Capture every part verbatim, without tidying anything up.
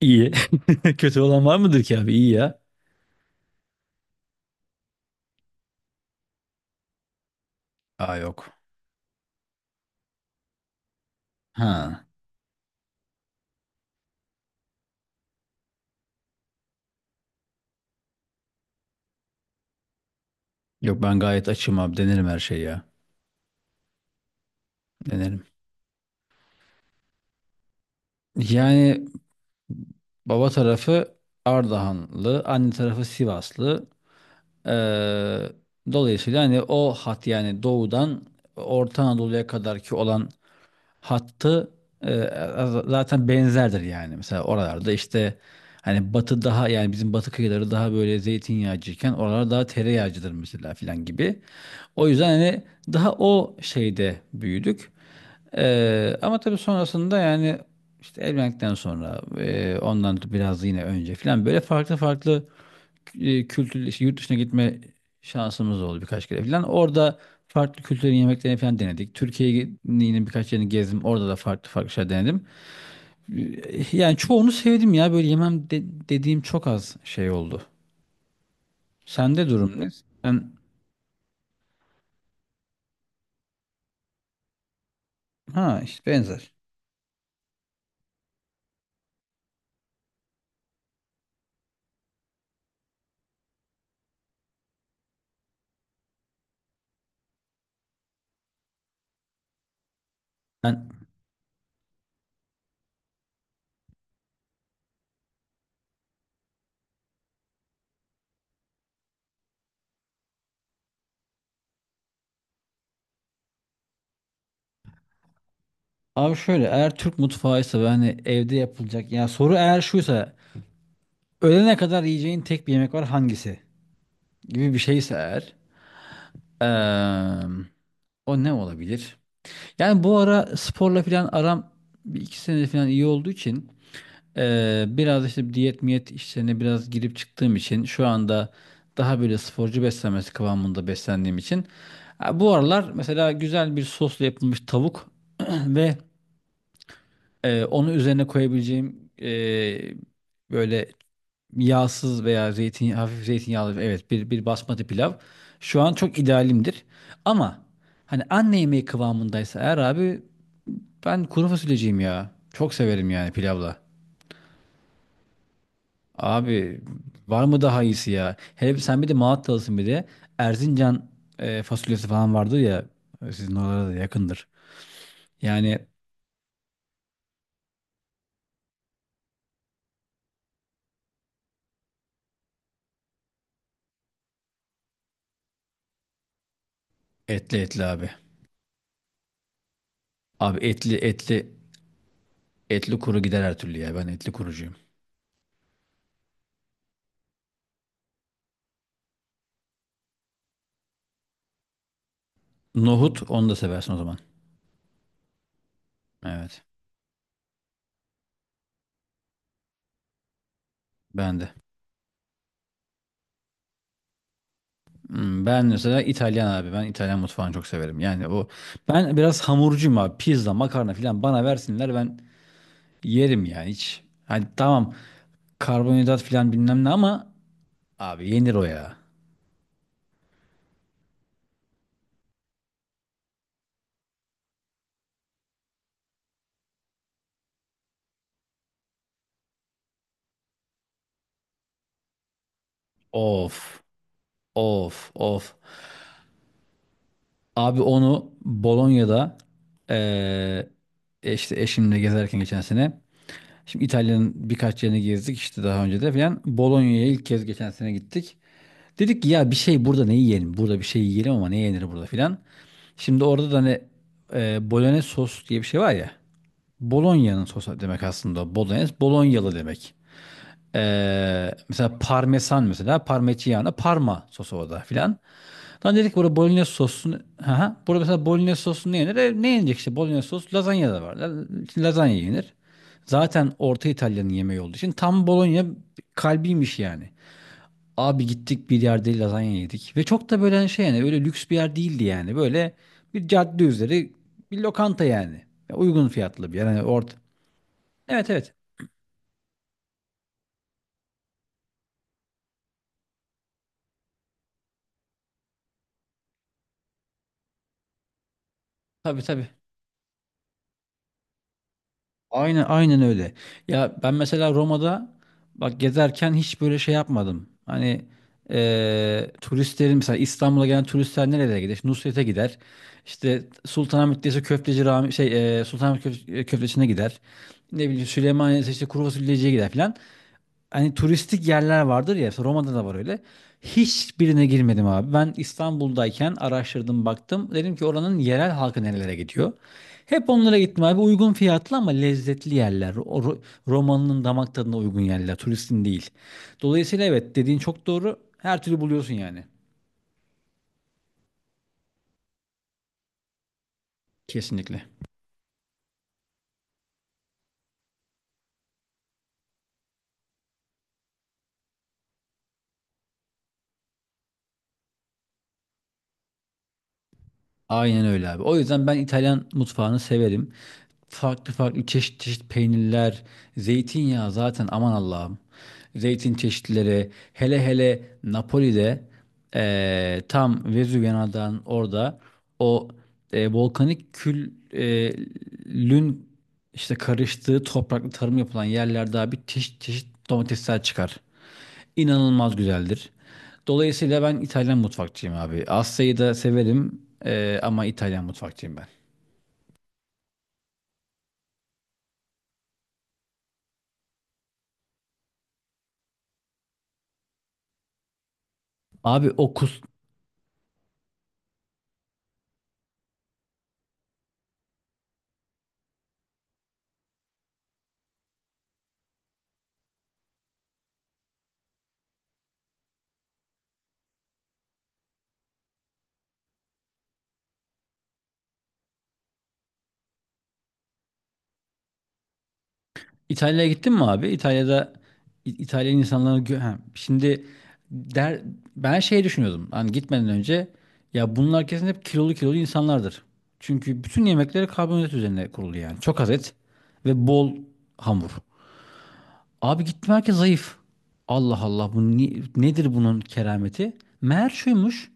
İyi. Kötü olan var mıdır ki abi? İyi ya. Aa, yok. Ha. Yok, ben gayet açım abi. Denerim her şeyi ya. Denerim. Yani baba tarafı Ardahanlı, anne tarafı Sivaslı. Ee, Dolayısıyla hani o hat, yani doğudan Orta Anadolu'ya kadar ki olan hattı e, zaten benzerdir yani. Mesela oralarda işte hani batı, daha yani bizim batı kıyıları daha böyle zeytinyağcıyken oralar daha tereyağcıdır mesela filan gibi. O yüzden hani daha o şeyde büyüdük. E, ama tabii sonrasında yani işte evlendikten sonra, e, ondan biraz yine önce filan, böyle farklı farklı e, kültür, işte yurt dışına gitme şansımız oldu birkaç kere falan. Orada farklı kültürlerin yemeklerini falan denedik. Türkiye'nin birkaç yerini gezdim. Orada da farklı farklı şeyler denedim. E, Yani çoğunu sevdim ya. Böyle yemem de- dediğim çok az şey oldu. Sende durum ne? Ben ha işte benzer. Ben abi şöyle, eğer Türk mutfağıysa ve hani evde yapılacak ya, soru eğer şuysa, ölene kadar yiyeceğin tek bir yemek var hangisi gibi bir şeyse eğer, eee, o ne olabilir? Yani bu ara sporla falan aram bir iki senedir falan iyi olduğu için, eee, biraz işte diyet miyet işlerine biraz girip çıktığım için, şu anda daha böyle sporcu beslenmesi kıvamında beslendiğim için, ha, bu aralar mesela güzel bir sosla yapılmış tavuk ve eee onu üzerine koyabileceğim, eee, böyle yağsız veya zeytin hafif zeytinyağlı, evet, bir bir basmati pilav şu an çok idealimdir. Ama hani anne yemeği kıvamındaysa eğer abi, ben kuru fasulyeciyim ya. Çok severim yani pilavla. Abi, var mı daha iyisi ya? Hele bir- sen bir de Malatyalısın bir de. Erzincan e, fasulyesi falan vardı ya. Sizin oralara da yakındır. Yani etli etli abi. Abi etli etli, etli kuru gider her türlü ya. Ben etli kurucuyum. Nohut, onu da seversin o zaman. Evet. Ben de. Hmm, ben mesela İtalyan abi. Ben İtalyan mutfağını çok severim. Yani o, ben biraz hamurcuyum abi. Pizza, makarna falan bana versinler, ben yerim ya hiç. Hani tamam, karbonhidrat filan bilmem ne ama abi yenir o ya. Of, of of. Abi onu Bolonya'da, eee, işte eşimle gezerken geçen sene. Şimdi İtalya'nın birkaç yerini gezdik işte daha önce de filan. Bolonya'ya ilk kez geçen sene gittik. Dedik ki ya bir şey, burada ne yiyelim? Burada bir şey yiyelim ama ne yenir burada filan. Şimdi orada da hani e, bolognese sos diye bir şey var ya. Bolonya'nın sosu demek aslında. Bolognese, Bolonyalı demek. Ee, mesela parmesan, mesela parmigiana, parma sosu o da filan. Lan dedik, burada bolognese sosu, ha burada mesela bolognese sosu ne yenir? E, ne yenecek işte bolognese sosu, lazanya da var. La- Lazanya yenir. Zaten Orta İtalya'nın yemeği olduğu için tam Bologna kalbiymiş yani. Abi gittik bir yerde lazanya yedik ve çok da böyle şey yani, öyle lüks bir yer değildi yani. Böyle bir cadde üzeri bir lokanta yani. Ya, uygun fiyatlı bir yer. Yani orta. Evet, evet. Tabii, tabii. Aynen, aynen öyle. Ya ben mesela Roma'da, bak, gezerken hiç böyle şey yapmadım. Hani eee, turistlerin mesela İstanbul'a gelen turistler nerelere gider? İşte Nusret'e gider. İşte Sultanahmet'teyse Köfteci Rami, şey, eee Sultanahmet Köf- Köfteci'ne gider. Ne bileyim, Süleymaniye'de işte kuru fasulyeciye gider filan, hani turistik yerler vardır ya, işte Roma'da da var öyle. Hiçbirine girmedim abi. Ben İstanbul'dayken araştırdım baktım. Dedim ki oranın yerel halkı nerelere gidiyor. Hep onlara gittim abi. Uygun fiyatlı ama lezzetli yerler. O Ro- Romalının damak tadına uygun yerler. Turistin değil. Dolayısıyla evet, dediğin çok doğru. Her türlü buluyorsun yani. Kesinlikle. Aynen öyle abi. O yüzden ben İtalyan mutfağını severim. Farklı farklı, çeşit çeşit peynirler, zeytinyağı zaten aman Allah'ım. Zeytin çeşitleri, hele hele Napoli'de, eee, tam Vezüv yanağından orada o, eee, volkanik küllün işte karıştığı topraklı tarım yapılan yerlerde abi, çeşit çeşit domatesler çıkar, inanılmaz güzeldir. Dolayısıyla ben İtalyan mutfakçıyım abi. Asya'yı da severim e, ama İtalyan mutfakçıyım ben. Abi o kus... İtalya'ya gittin mi abi? İtalya'da İ- İtalyan insanları... gö- ha, şimdi der... ben şey düşünüyordum. Hani gitmeden önce ya bunlar kesin hep kilolu kilolu insanlardır. Çünkü bütün yemekleri karbonhidrat üzerine kurulu yani. Çok az et ve bol hamur. Abi gittim, herkes zayıf. Allah Allah, bu ni- nedir bunun kerameti? Meğer şuymuş.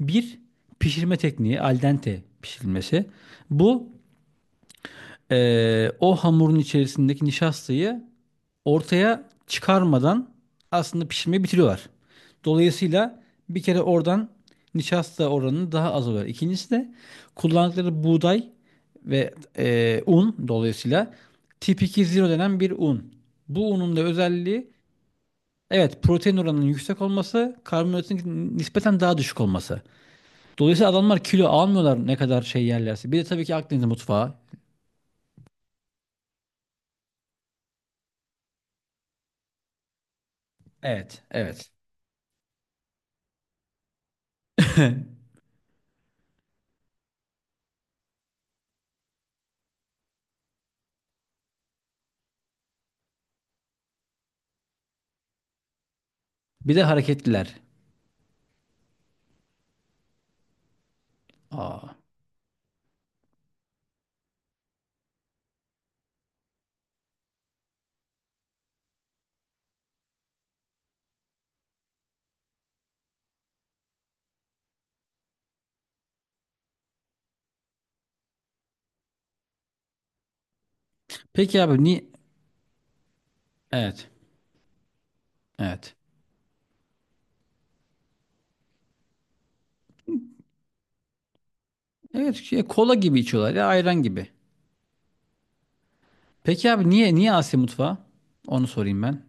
Bir pişirme tekniği, al dente pişirilmesi. Bu eee, o hamurun içerisindeki nişastayı ortaya çıkarmadan aslında pişirmeyi bitiriyorlar. Dolayısıyla bir kere oradan nişasta oranı daha az oluyor. İkincisi de kullandıkları buğday ve eee, un, dolayısıyla tip iki nokta sıfır denen bir un. Bu unun da özelliği, evet, protein oranının yüksek olması, karbonhidratın nispeten daha düşük olması. Dolayısıyla adamlar kilo almıyorlar ne kadar şey yerlerse. Bir de tabii ki Akdeniz mutfağı. Evet, evet. Bir de hareketliler. Aa. Peki abi niye? Evet. Evet. Evet şey, kola gibi içiyorlar ya, ayran gibi. Peki abi niye, niye Asya mutfağı? Onu sorayım ben.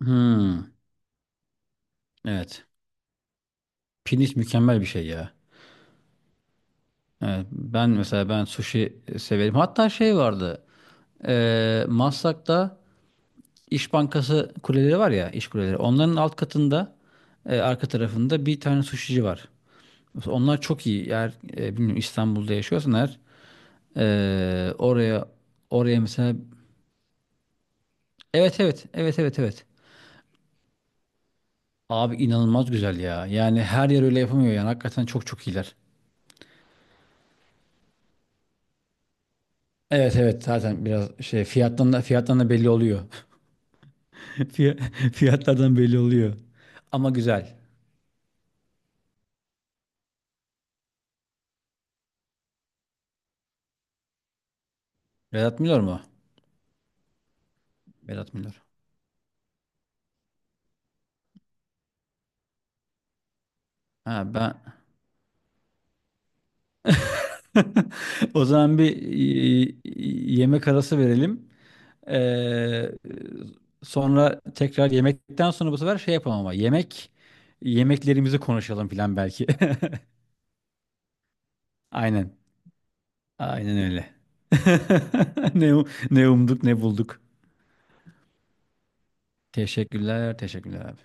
Hmm. Evet. Pirinç mükemmel bir şey ya. Evet, ben mesela ben sushi severim. Hatta şey vardı. Ee, Maslak'ta İş Bankası kuleleri var ya, iş kuleleri. Onların alt katında e, arka tarafında bir tane sushici var. Mesela onlar çok iyi. Eğer e, bilmiyorum İstanbul'da yaşıyorsan eğer, e, oraya oraya mesela, evet evet evet evet evet. Abi inanılmaz güzel ya. Yani her yer öyle yapamıyor yani. Hakikaten çok çok iyiler. Evet, evet, zaten biraz şey fiyattan da fiyattan da belli oluyor. Fiy- Fiyatlardan belli oluyor. Ama güzel. Vedat Milor mu? Vedat Milor. Ha ben O zaman bir e, yemek arası verelim. Ee, Sonra tekrar yemekten sonra bu sefer şey yapalım ama yemek yemeklerimizi konuşalım falan belki. Aynen. Aynen öyle. Ne, ne umduk ne bulduk. Teşekkürler, teşekkürler abi.